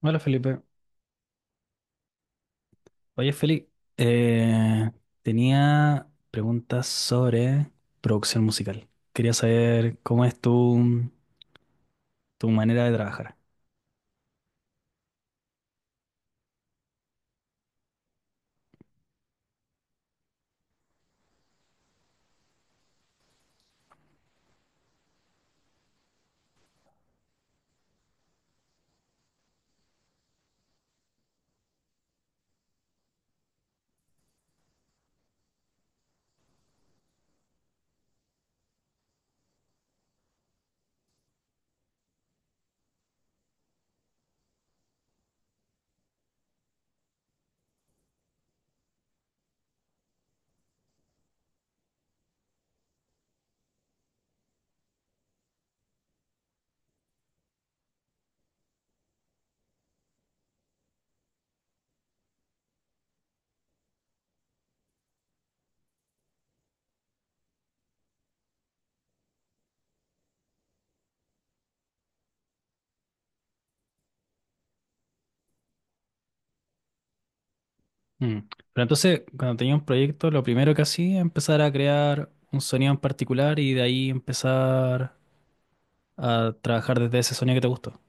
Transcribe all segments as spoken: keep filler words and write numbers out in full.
Hola Felipe. Oye Felipe, eh, tenía preguntas sobre producción musical. Quería saber cómo es tu, tu manera de trabajar. Mm. Pero entonces, cuando tenía un proyecto, lo primero que hacía era empezar a crear un sonido en particular y de ahí empezar a trabajar desde ese sonido que te gustó.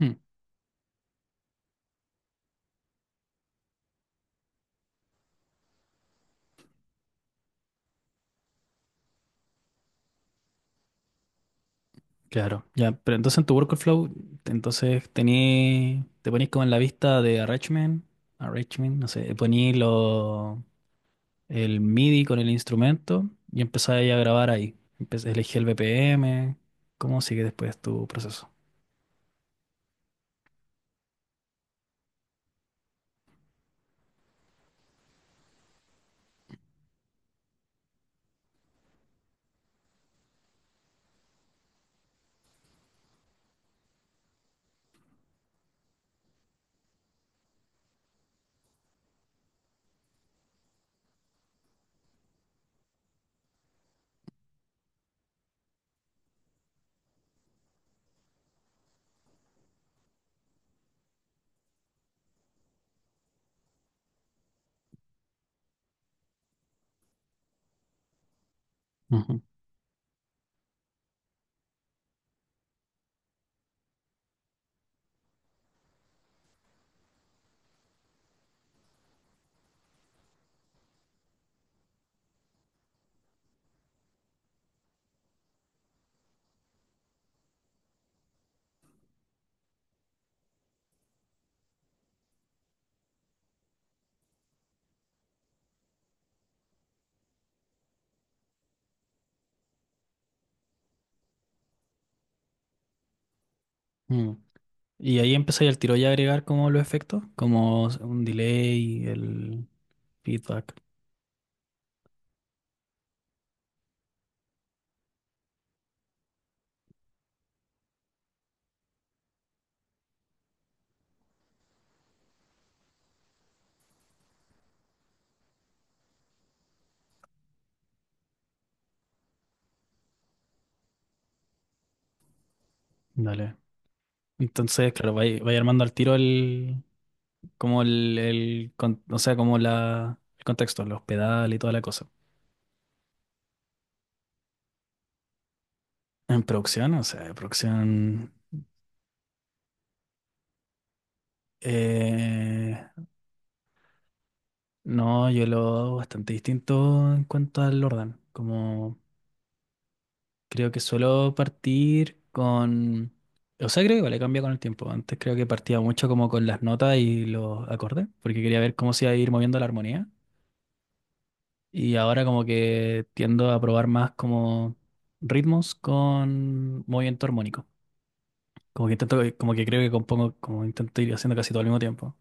Mm. Claro, ya. Pero entonces en tu workflow, te- entonces tení, te ponís como en la vista de arrangement, arrangement, no sé, poní los el M I D I con el instrumento y empezaba ahí a grabar ahí. Empecé, elegí el B P M, cómo sigue después tu proceso. Ujú. Mm. Y ahí empecé al tiro ya a agregar como los efectos, como un delay, el feedback. Dale. Entonces, claro, vaya, vaya armando al tiro el, como el, el con- o sea, como la, el contexto, los pedales y toda la cosa. En producción, o sea, producción, eh, no, yo lo hago bastante distinto en cuanto al orden. Como creo que suelo partir con... O sea, creo que vale, cambia con el tiempo. Antes creo que partía mucho como con las notas y los acordes, porque quería ver cómo se iba a ir moviendo la armonía. Y ahora como que tiendo a probar más como ritmos con movimiento armónico. Como que intento, como que creo que compongo, como intento ir haciendo casi todo al mismo tiempo.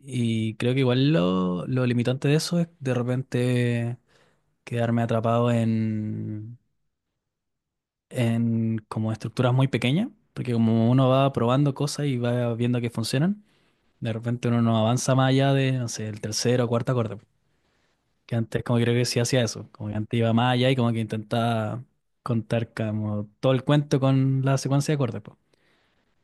Y creo que igual lo, lo limitante de eso es de repente quedarme atrapado en, en como estructuras muy pequeñas, porque como uno va probando cosas y va viendo que funcionan, de repente uno no avanza más allá de, no sé, el tercero o cuarto acorde. Que antes como creo que sí hacía eso, como que antes iba más allá y como que intentaba contar como todo el cuento con la secuencia de acordes, po.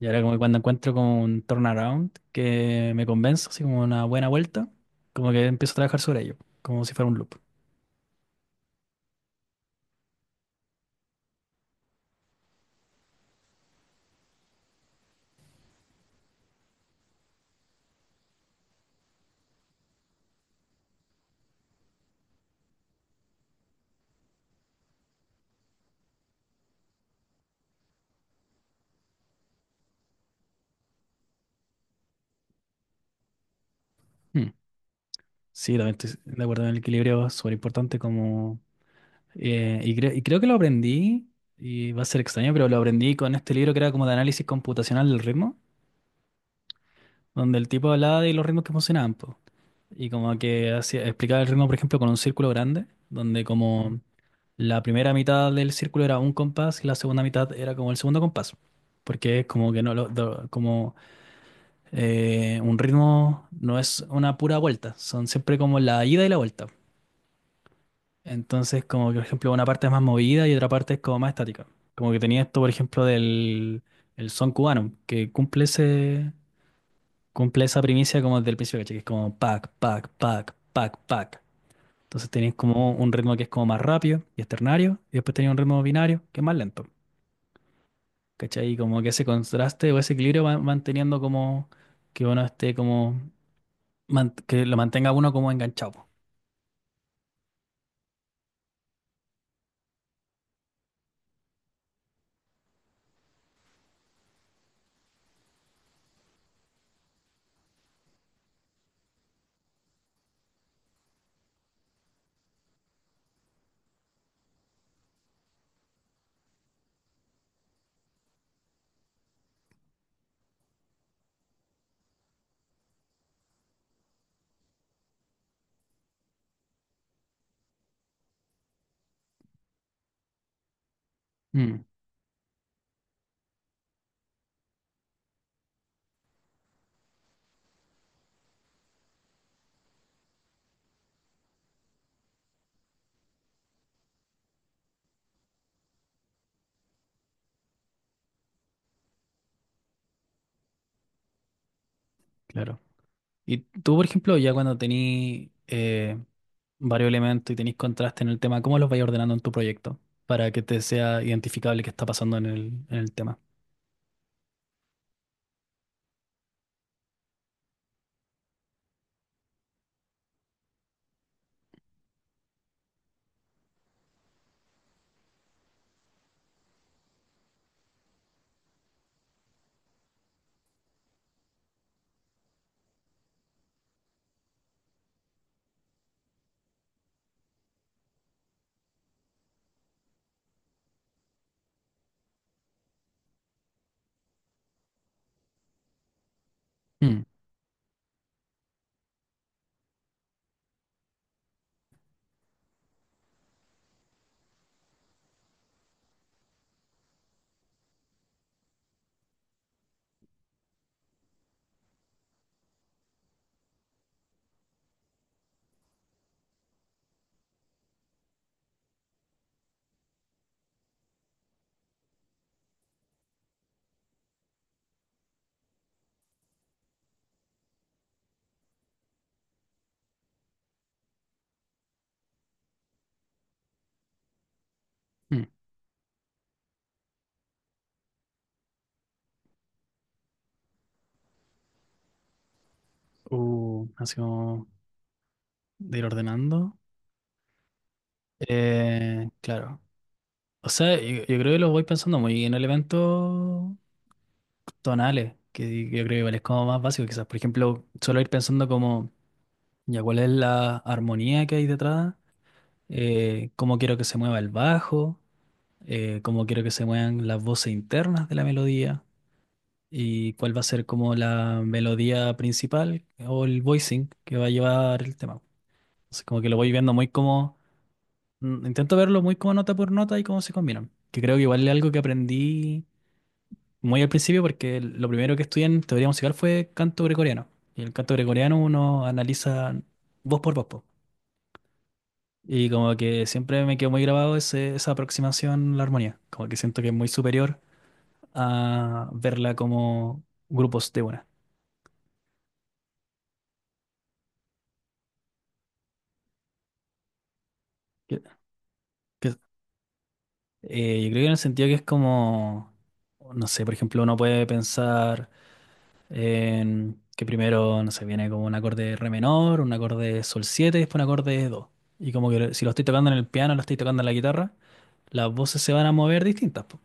Y ahora como que cuando encuentro como un turnaround que me convence, así como una buena vuelta, como que empiezo a trabajar sobre ello, como si fuera un loop. Hmm. Sí, también estoy de acuerdo en el equilibrio, es súper importante como... eh, y, cre- y creo que lo aprendí, y va a ser extraño, pero lo aprendí con este libro que era como de análisis computacional del ritmo, donde el tipo hablaba de los ritmos que funcionaban, po. Y como que hacía, explicaba el ritmo, por ejemplo, con un círculo grande, donde como la primera mitad del círculo era un compás y la segunda mitad era como el segundo compás. Porque es como que no lo- do- como eh, un ritmo no es una pura vuelta, son siempre como la ida y la vuelta. Entonces, como que, por ejemplo, una parte es más movida y otra parte es como más estática. Como que tenía esto, por ejemplo, del el son cubano, que cumple ese, cumple esa primicia como desde el principio, ¿cachai? Que es como pac, pac, pac, pac, pac. Entonces tenéis como un ritmo que es como más rápido y es ternario, y después tenéis un ritmo binario que es más lento, ¿cachai? Y como que ese contraste o ese equilibrio va manteniendo como que uno esté como, man- que lo mantenga uno como enganchado, po. Mm, claro. Y tú, por ejemplo, ya cuando tenís eh, varios elementos y tenís contraste en el tema, ¿cómo los vais ordenando en tu proyecto para que te sea identificable qué está pasando en el, en el tema? Mm, mm. Uh, así como de ir ordenando. Eh, claro. O sea, yo, yo creo que los voy pensando muy en elementos tonales, que yo creo que igual es como más básico, quizás. Por ejemplo, solo ir pensando como, ya cuál es la armonía que hay detrás, eh, cómo quiero que se mueva el bajo, eh, cómo quiero que se muevan las voces internas de la melodía y cuál va a ser como la melodía principal o el voicing que va a llevar el tema. Entonces, como que lo voy viendo muy como, mm, intento verlo muy como nota por nota y cómo se combinan, que creo que igual es algo que aprendí muy al principio porque lo primero que estudié en teoría musical fue canto gregoriano. Y el canto gregoriano uno analiza voz por voz, po. Y como que siempre me quedó muy grabado ese- esa aproximación a la armonía. Como que siento que es muy superior a verla como grupos de buenas. Que- que- eh, yo creo que en el sentido que es como, no sé, por ejemplo, uno puede pensar en que primero, no sé, viene como un acorde re menor, un acorde sol siete, y después un acorde do. Y como que lo- si lo estoy tocando en el piano, lo estoy tocando en la guitarra, las voces se van a mover distintas, po.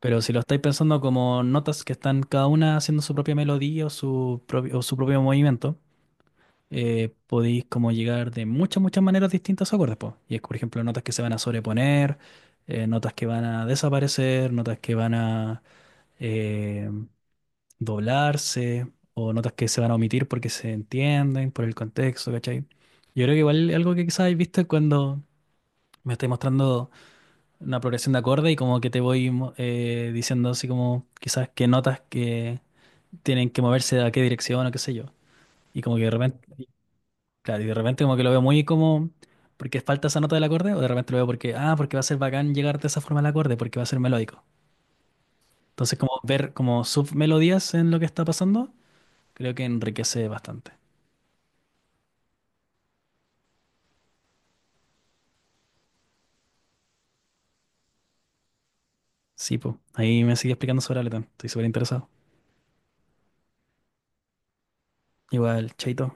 Pero si lo estáis pensando como notas que están cada una haciendo su propia melodía o su propio, o su propio movimiento, eh, podéis como llegar de muchas, muchas maneras distintas a acordes, po. Y es, por ejemplo, notas que se van a sobreponer, eh, notas que van a desaparecer, notas que van a eh, doblarse, o notas que se van a omitir porque se entienden por el contexto, ¿cachai? Yo creo que igual algo que quizás habéis visto es cuando me estáis mostrando una progresión de acorde y como que te voy mo- eh, diciendo así como quizás qué notas que tienen que moverse a qué dirección o qué sé yo. Y como que de repente... Claro, y de repente como que lo veo muy como porque falta esa nota del acorde, o de repente lo veo porque, ah, porque va a ser bacán llegar de esa forma al acorde, porque va a ser melódico. Entonces, como ver como submelodías en lo que está pasando, creo que enriquece bastante. Sí, pues. Ahí me sigue explicando sobre Ableton. Estoy súper interesado. Igual, chaito.